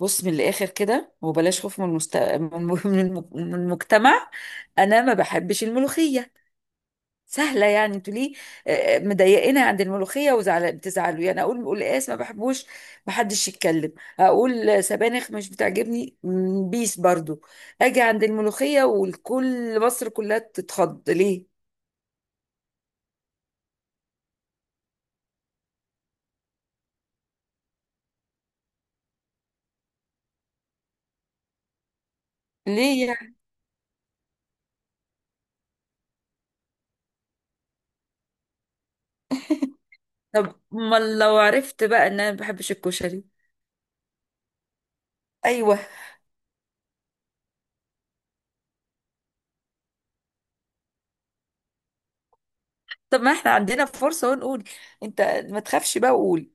بص من الاخر كده وبلاش خوف من المجتمع. انا ما بحبش الملوخيه. سهله يعني، انتوا ليه؟ مضايقينها عند الملوخيه وزعل، بتزعلوا. يعني اقول قلقاس ما بحبوش، ما حدش يتكلم. اقول سبانخ مش بتعجبني، بيس برضو. اجي عند الملوخيه والكل، مصر كلها تتخض ليه؟ ليه يعني؟ طب ما لو عرفت بقى ان انا ما بحبش الكشري. ايوه. طب ما احنا عندنا فرصه ونقول. انت ما تخافش بقى وقول.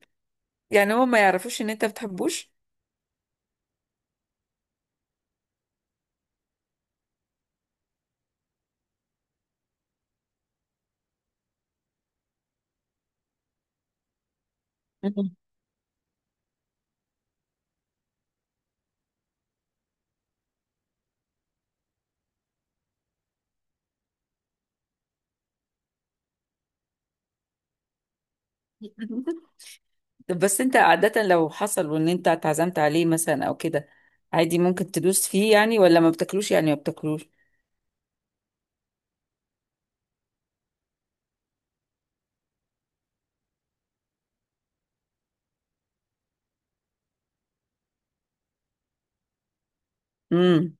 يعني هو ما يعرفوش ان انت بتحبوش؟ مم. طب بس انت عادة لو حصل وان انت اتعزمت عليه مثلا او كده، عادي ممكن تدوس فيه يعني، ولا ما بتاكلوش يعني ما بتاكلوش؟ امم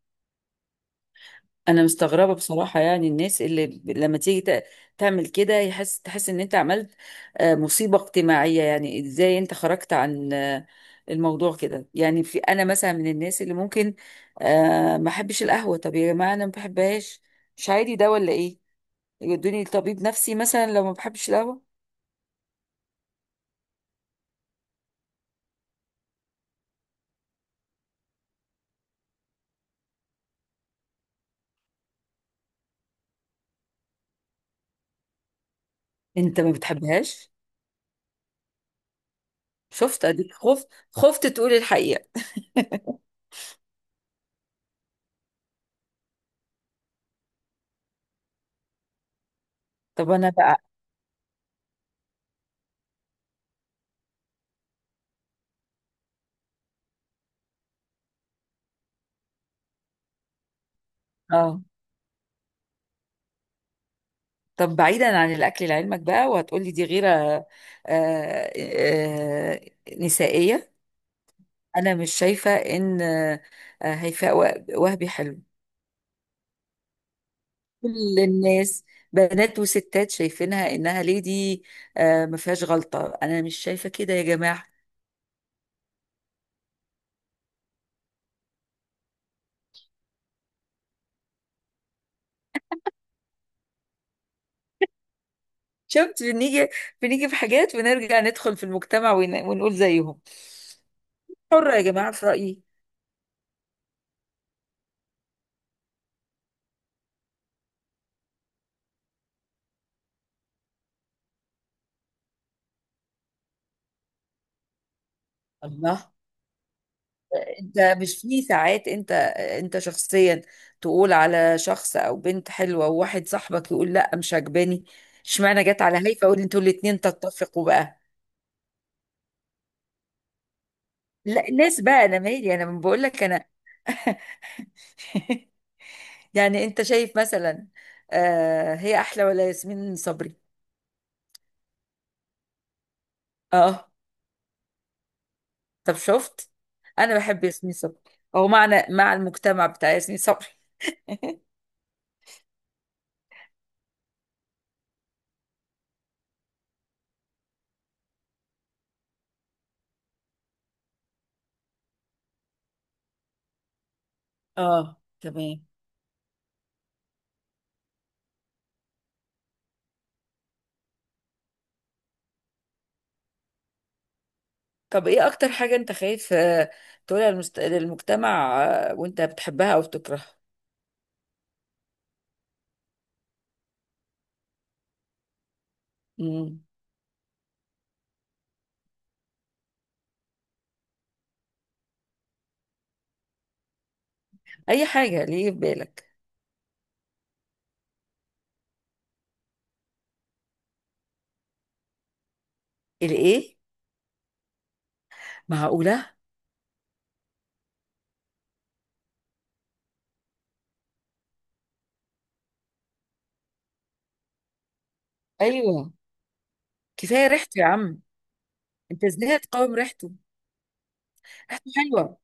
انا مستغربة بصراحة يعني. الناس اللي ب- لما تيجي ت- تعمل كده، يحس تحس ان انت عملت مصيبة اجتماعية. يعني ازاي انت خرجت عن الموضوع كده؟ يعني في انا مثلا، من الناس اللي ممكن ما احبش القهوة. طب يا جماعة انا ما بحبهاش، مش عادي ده ولا ايه؟ يودوني لطبيب نفسي مثلا لو ما بحبش القهوة. انت ما بتحبهاش؟ شفت؟ اديك خفت خفت تقول الحقيقة. طب انا بقى. اه. طب بعيدا عن الاكل، لعلمك بقى، وهتقولي دي غيرة آه نسائية. انا مش شايفة ان هيفاء وهبي حلو. كل الناس، بنات وستات، شايفينها انها ليدي. آه، ما فيهاش غلطة. انا مش شايفة كده يا جماعة. شفت؟ بنيجي، بنيجي في حاجات بنرجع ندخل في المجتمع ونقول زيهم. حرة يا جماعة في رأيي. الله. انت مش في ساعات، انت انت شخصيا، تقول على شخص او بنت حلوة، وواحد صاحبك يقول لا مش عجباني؟ اشمعنى جت على هيفا، اقول انتوا الاتنين تتفقوا بقى؟ لا الناس بقى انا مالي، انا بقول لك انا. يعني انت شايف مثلا هي احلى ولا ياسمين صبري؟ اه. طب شفت؟ انا بحب ياسمين صبري، او معنى مع المجتمع بتاع ياسمين صبري. اه تمام. طب ايه اكتر حاجة انت خايف تقولها للمجتمع، وانت بتحبها او بتكرهها؟ مم. اي حاجة ليه في بالك. الايه؟ معقولة؟ ايوه. كفاية ريحته يا عم. انت ازاي هتقاوم ريحته؟ ريحته حلوة.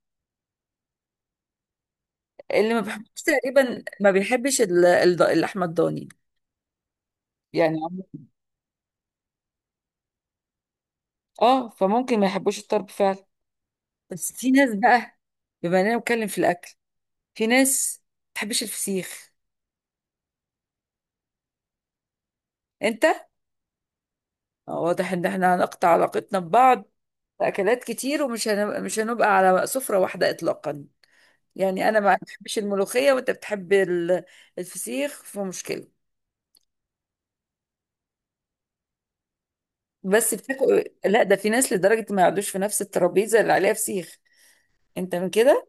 اللي ما بيحبش تقريبا ما بيحبش اللحمة الضاني. يعني عم- اه، فممكن ما يحبوش الطرب فعلا. بس في ناس بقى، بما اننا بنتكلم في الاكل، في ناس ما بتحبش الفسيخ. انت، واضح ان احنا هنقطع علاقتنا ببعض. في اكلات كتير ومش مش هنبقى على سفرة واحدة اطلاقا. يعني انا ما بحبش الملوخية وانت بتحب الفسيخ، فمشكلة. بس بتاكل إيه؟ لا ده في ناس لدرجة ما يقعدوش في نفس الترابيزة اللي عليها فسيخ. انت من كده؟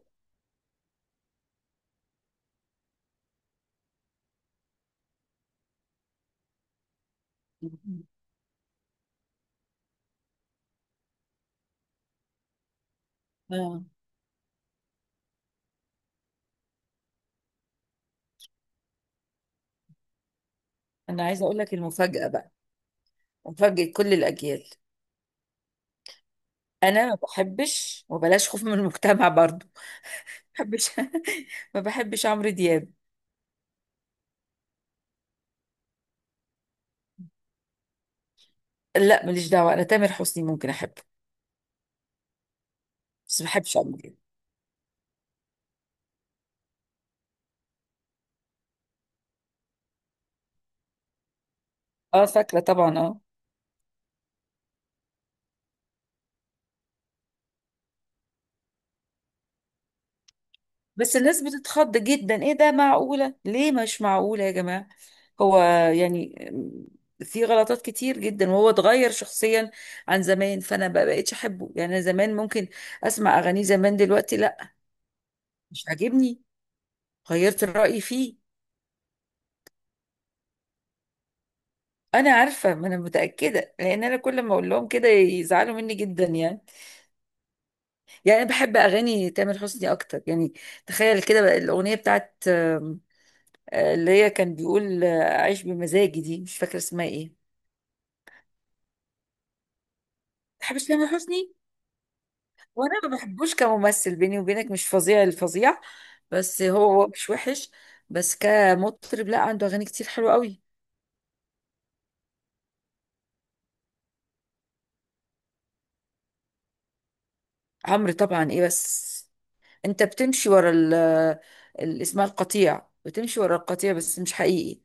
اه، انا عايزة اقول لك المفاجأة بقى، مفاجأة كل الاجيال. انا ما بحبش، وبلاش خوف من المجتمع، برضو ما بحبش، ما بحبش عمرو دياب. لا ماليش دعوة، انا تامر حسني ممكن احبه، بس ما بحبش عمرو دياب. اه فاكرة طبعا، اه. بس الناس بتتخض جدا، ايه ده؟ معقولة؟ ليه؟ مش معقولة يا جماعة. هو يعني في غلطات كتير جدا، وهو اتغير شخصيا عن زمان، فانا ما بقتش احبه يعني. أنا زمان ممكن اسمع اغانيه، زمان، دلوقتي لا، مش عاجبني، غيرت الرأي فيه. انا عارفة، ما انا متأكدة، لان انا كل ما اقول لهم كده يزعلوا مني جدا يعني. يعني انا بحب اغاني تامر حسني اكتر يعني. تخيل كده بقى الاغنية بتاعت اللي هي كان بيقول أعيش بمزاجي، دي مش فاكرة اسمها إيه. ما بتحبش تامر حسني؟ وأنا ما بحبوش كممثل، بيني وبينك، مش فظيع الفظيع، بس هو مش وحش، بس كمطرب لا، عنده أغاني كتير حلوة قوي. عمرو طبعا إيه بس؟ أنت بتمشي ورا ال اسمها القطيع، بتمشي ورا القطيع، بس مش حقيقي.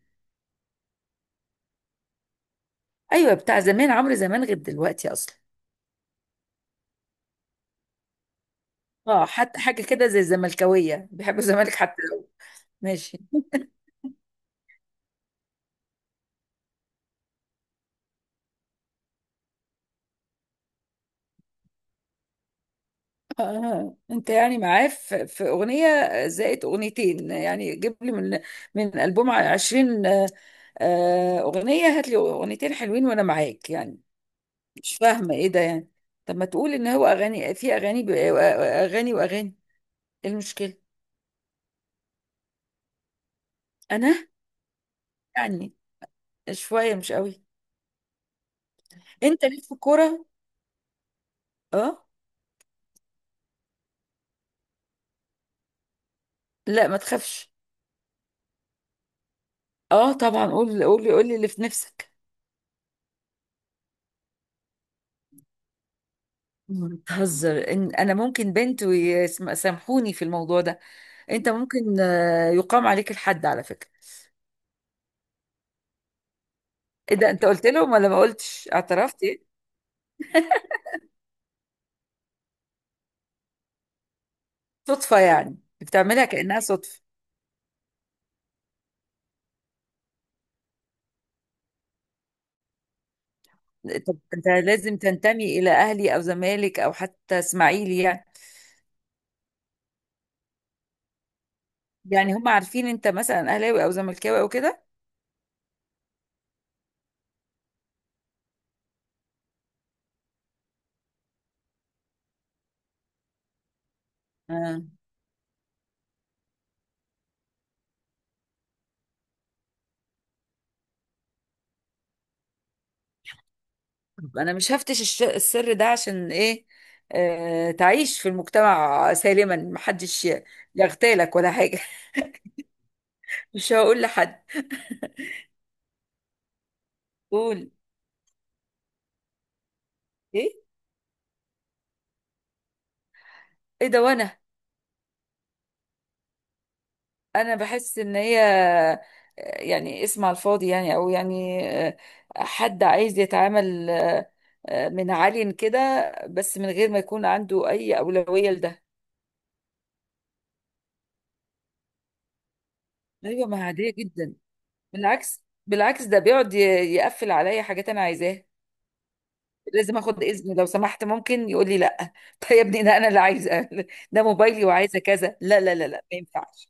أيوة، بتاع زمان، عمرو زمان غير دلوقتي أصلا. اه حتى حاجة كده زي الزملكاوية بيحبوا الزمالك حتى لو. ماشي. آه. انت يعني معاه، في اغنيه زائد اغنيتين يعني. جيب لي من البوم 20 اغنيه، هات لي اغنيتين حلوين وانا معاك يعني. مش فاهمه ايه ده يعني؟ طب ما تقول ان هو اغاني في اغاني، اغاني واغاني، ايه المشكله؟ انا يعني شويه مش قوي. انت ليك في الكوره؟ اه. لا ما تخافش. اه طبعا قول، قول لي اللي في نفسك. بتهزر؟ إن انا ممكن بنت ويسامحوني في الموضوع ده. انت ممكن يقام عليك الحد على فكرة. ايه ده؟ انت قلت لهم ولا ما قلتش؟ اعترفت ايه؟ صدفة يعني، بتعملها كأنها صدفة. طب انت لازم تنتمي الى اهلي او زمالك او حتى اسماعيلي يعني. يعني هم عارفين انت مثلا اهلاوي او زملكاوي او كده؟ آه. طب انا مش هفتش السر ده، عشان ايه؟ تعيش في المجتمع سالما، محدش يغتالك ولا حاجة. مش هقول لحد. قول. ايه؟ ايه ده؟ وانا انا بحس ان هي يعني اسم على الفاضي يعني، او يعني آه، حد عايز يتعامل من عالي كده، بس من غير ما يكون عنده اي اولويه لده. ايوه ما هي عاديه جدا. بالعكس، بالعكس ده بيقعد يقفل عليا حاجات انا عايزاها. لازم اخد اذن، لو سمحت ممكن، يقول لي لا. طيب يا ابني ده انا اللي عايزه، ده موبايلي وعايزه كذا، لا لا لا لا ما ينفعش.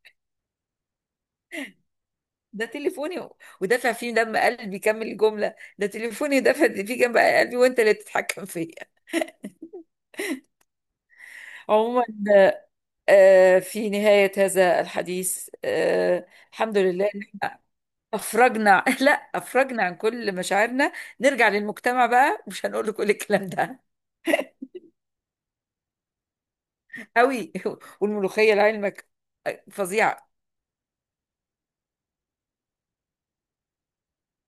ده تليفوني ودافع فيه دم قلبي، كمل الجملة، ده تليفوني ودافع فيه جنب قلبي، وانت اللي بتتحكم فيا. عموما، آه، في نهاية هذا الحديث، آه، الحمد لله إن أفرجنا، لا أفرجنا عن كل مشاعرنا. نرجع للمجتمع بقى مش هنقول له كل الكلام ده. قوي. والملوخية لعلمك فظيعة.